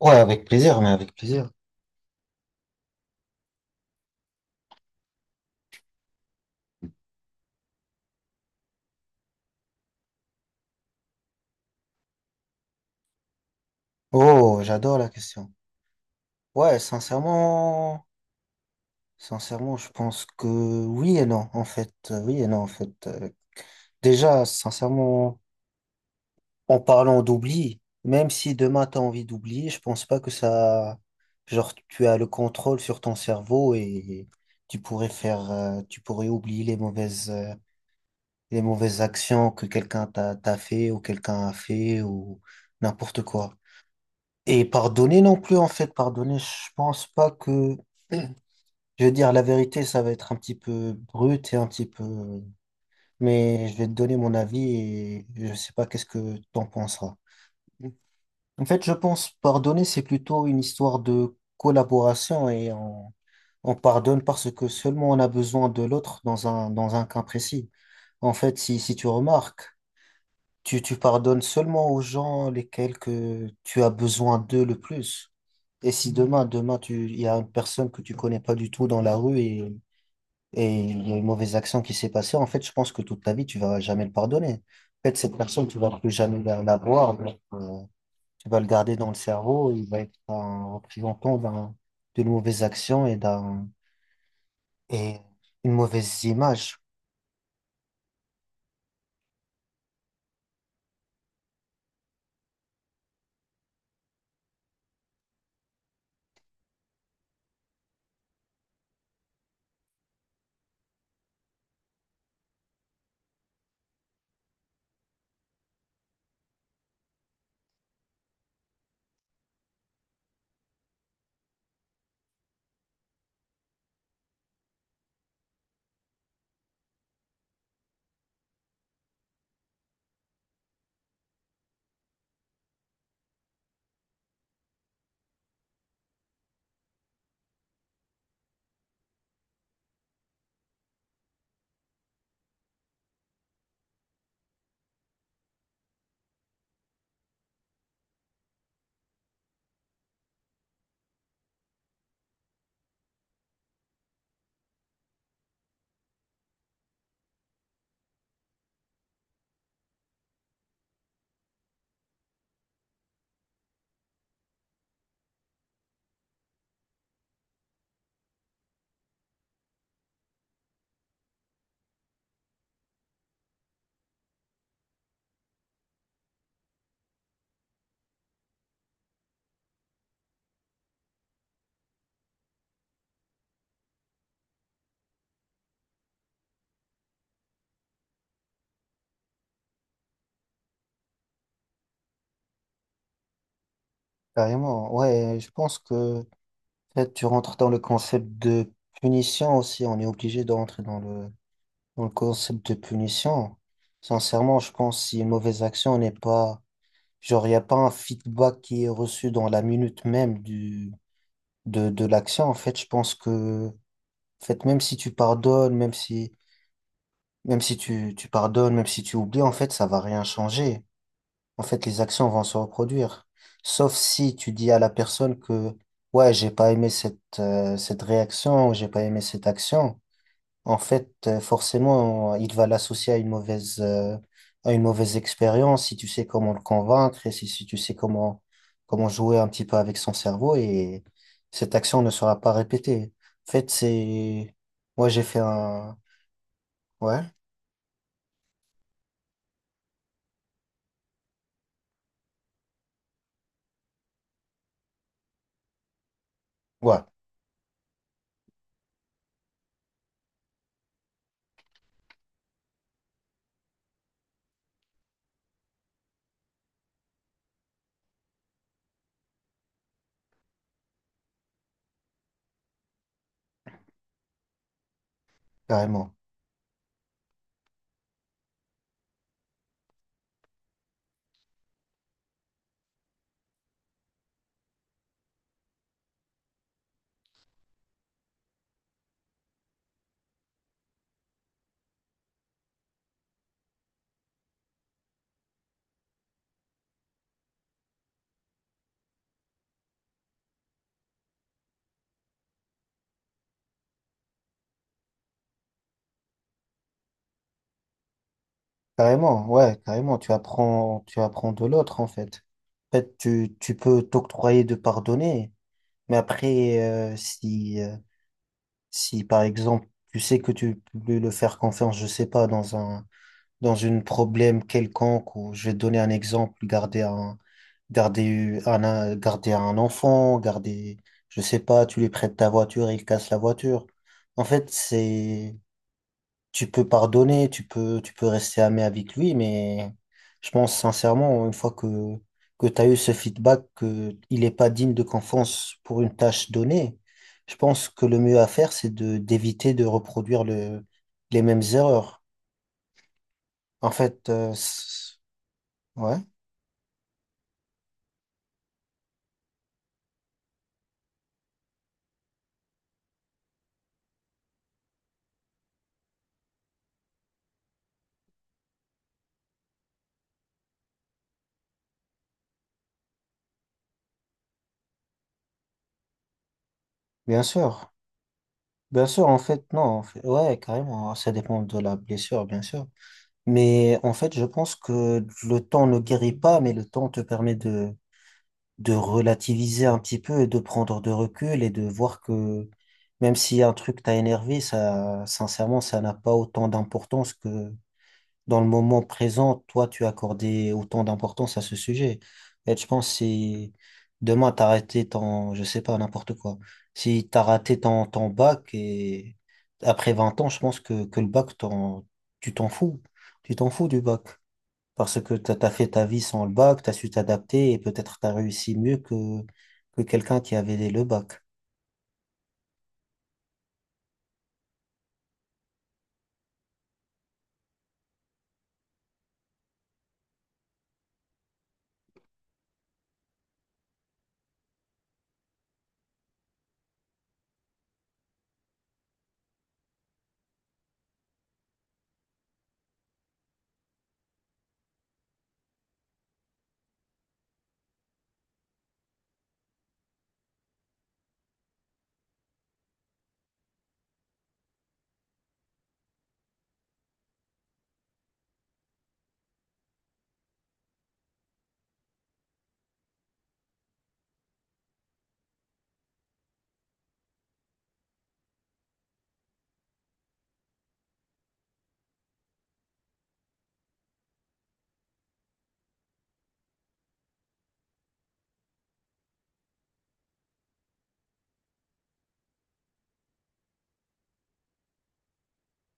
Ouais, avec plaisir, mais avec plaisir. Oh, j'adore la question. Ouais, sincèrement, sincèrement, je pense que oui et non, en fait. Oui et non, en fait. Déjà, sincèrement, en parlant d'oubli, même si demain t'as envie d'oublier, je pense pas que ça, genre, tu as le contrôle sur ton cerveau et tu pourrais faire, tu pourrais oublier les mauvaises actions que quelqu'un t'a fait ou quelqu'un a fait ou n'importe quoi. Et pardonner non plus, en fait, pardonner, je pense pas que... Je veux dire, la vérité, ça va être un petit peu brut et un petit peu... Mais je vais te donner mon avis et je sais pas qu'est-ce que t'en penseras. En fait, je pense pardonner, c'est plutôt une histoire de collaboration et on pardonne parce que seulement on a besoin de l'autre dans un cas précis. En fait, si tu remarques, tu pardonnes seulement aux gens lesquels que tu as besoin d'eux le plus. Et si demain, il y a une personne que tu connais pas du tout dans la rue et il y a une mauvaise action qui s'est passée, en fait, je pense que toute ta vie, tu vas jamais le pardonner. En fait, cette personne, tu vas plus jamais la voir. Donc, tu vas le garder dans le cerveau. Il va être un représentant d'un, d'une mauvaise action et d'un, et une mauvaise image. Carrément. Ouais, je pense que en fait, tu rentres dans le concept de punition aussi. On est obligé de rentrer dans le concept de punition. Sincèrement, je pense que si une mauvaise action n'est pas, genre, il n'y a pas un feedback qui est reçu dans la minute même du, de l'action. En fait, je pense que, en fait, même si tu pardonnes, même si tu, tu pardonnes, même si tu oublies, en fait, ça va rien changer. En fait, les actions vont se reproduire. Sauf si tu dis à la personne que, ouais, j'ai pas aimé cette, cette réaction ou j'ai pas aimé cette action. En fait, forcément, il va l'associer à une mauvaise expérience si tu sais comment le convaincre et si tu sais comment, comment jouer un petit peu avec son cerveau et cette action ne sera pas répétée. En fait, c'est, moi, j'ai fait un, ouais, ouais, carrément. Carrément, ouais, carrément, tu apprends de l'autre en fait. En fait, tu peux t'octroyer de pardonner, mais après, si, si par exemple, tu sais que tu peux le faire confiance, je sais pas, dans un, dans une problème quelconque, ou je vais te donner un exemple, garder un, garder un, garder un enfant, garder, je sais pas, tu lui prêtes ta voiture, il casse la voiture. En fait, c'est, tu peux pardonner, tu peux rester ami avec lui, mais je pense sincèrement, une fois que tu as eu ce feedback, qu'il n'est pas digne de confiance pour une tâche donnée, je pense que le mieux à faire, c'est de, d'éviter de reproduire le, les mêmes erreurs. En fait, ouais, bien sûr. Bien sûr, en fait, non, en fait, ouais, carrément, hein, ça dépend de la blessure, bien sûr. Mais en fait, je pense que le temps ne guérit pas, mais le temps te permet de relativiser un petit peu et de prendre de recul et de voir que même si un truc t'a énervé, ça, sincèrement, ça n'a pas autant d'importance que dans le moment présent, toi, tu accordais autant d'importance à ce sujet. Et je pense que si demain t'as raté ton, je sais pas, n'importe quoi, si t'as raté ton, ton bac et après 20 ans, je pense que le bac, tu t'en fous. Tu t'en fous du bac parce que tu as fait ta vie sans le bac, tu as su t'adapter et peut-être tu as réussi mieux que quelqu'un qui avait le bac.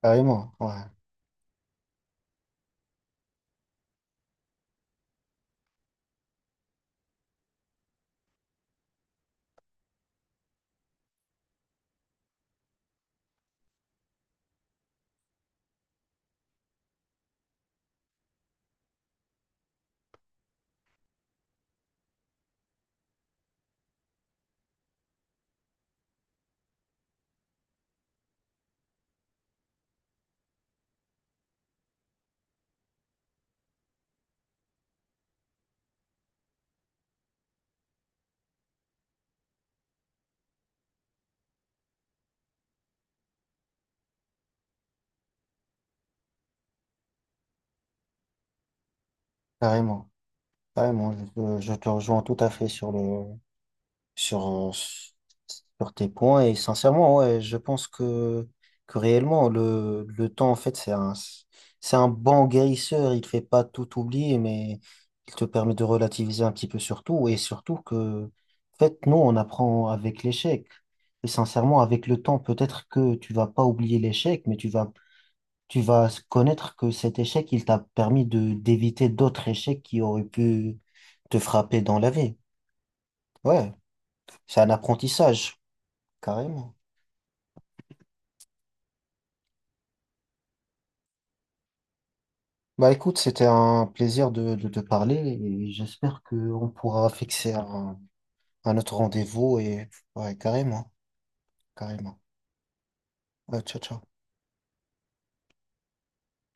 Carrément, ouais, carrément, carrément. Je te rejoins tout à fait sur le, sur, sur tes points. Et sincèrement, ouais, je pense que réellement, le temps, en fait, c'est un bon guérisseur. Il fait pas tout oublier, mais il te permet de relativiser un petit peu sur tout. Et surtout que, en fait, nous, on apprend avec l'échec. Et sincèrement, avec le temps, peut-être que tu vas pas oublier l'échec, mais tu vas connaître que cet échec, il t'a permis de, d'éviter d'autres échecs qui auraient pu te frapper dans la vie. Ouais, c'est un apprentissage. Carrément. Bah écoute, c'était un plaisir de te parler et j'espère qu'on pourra fixer un autre rendez-vous et ouais, carrément, carrément. Ouais, ciao, ciao.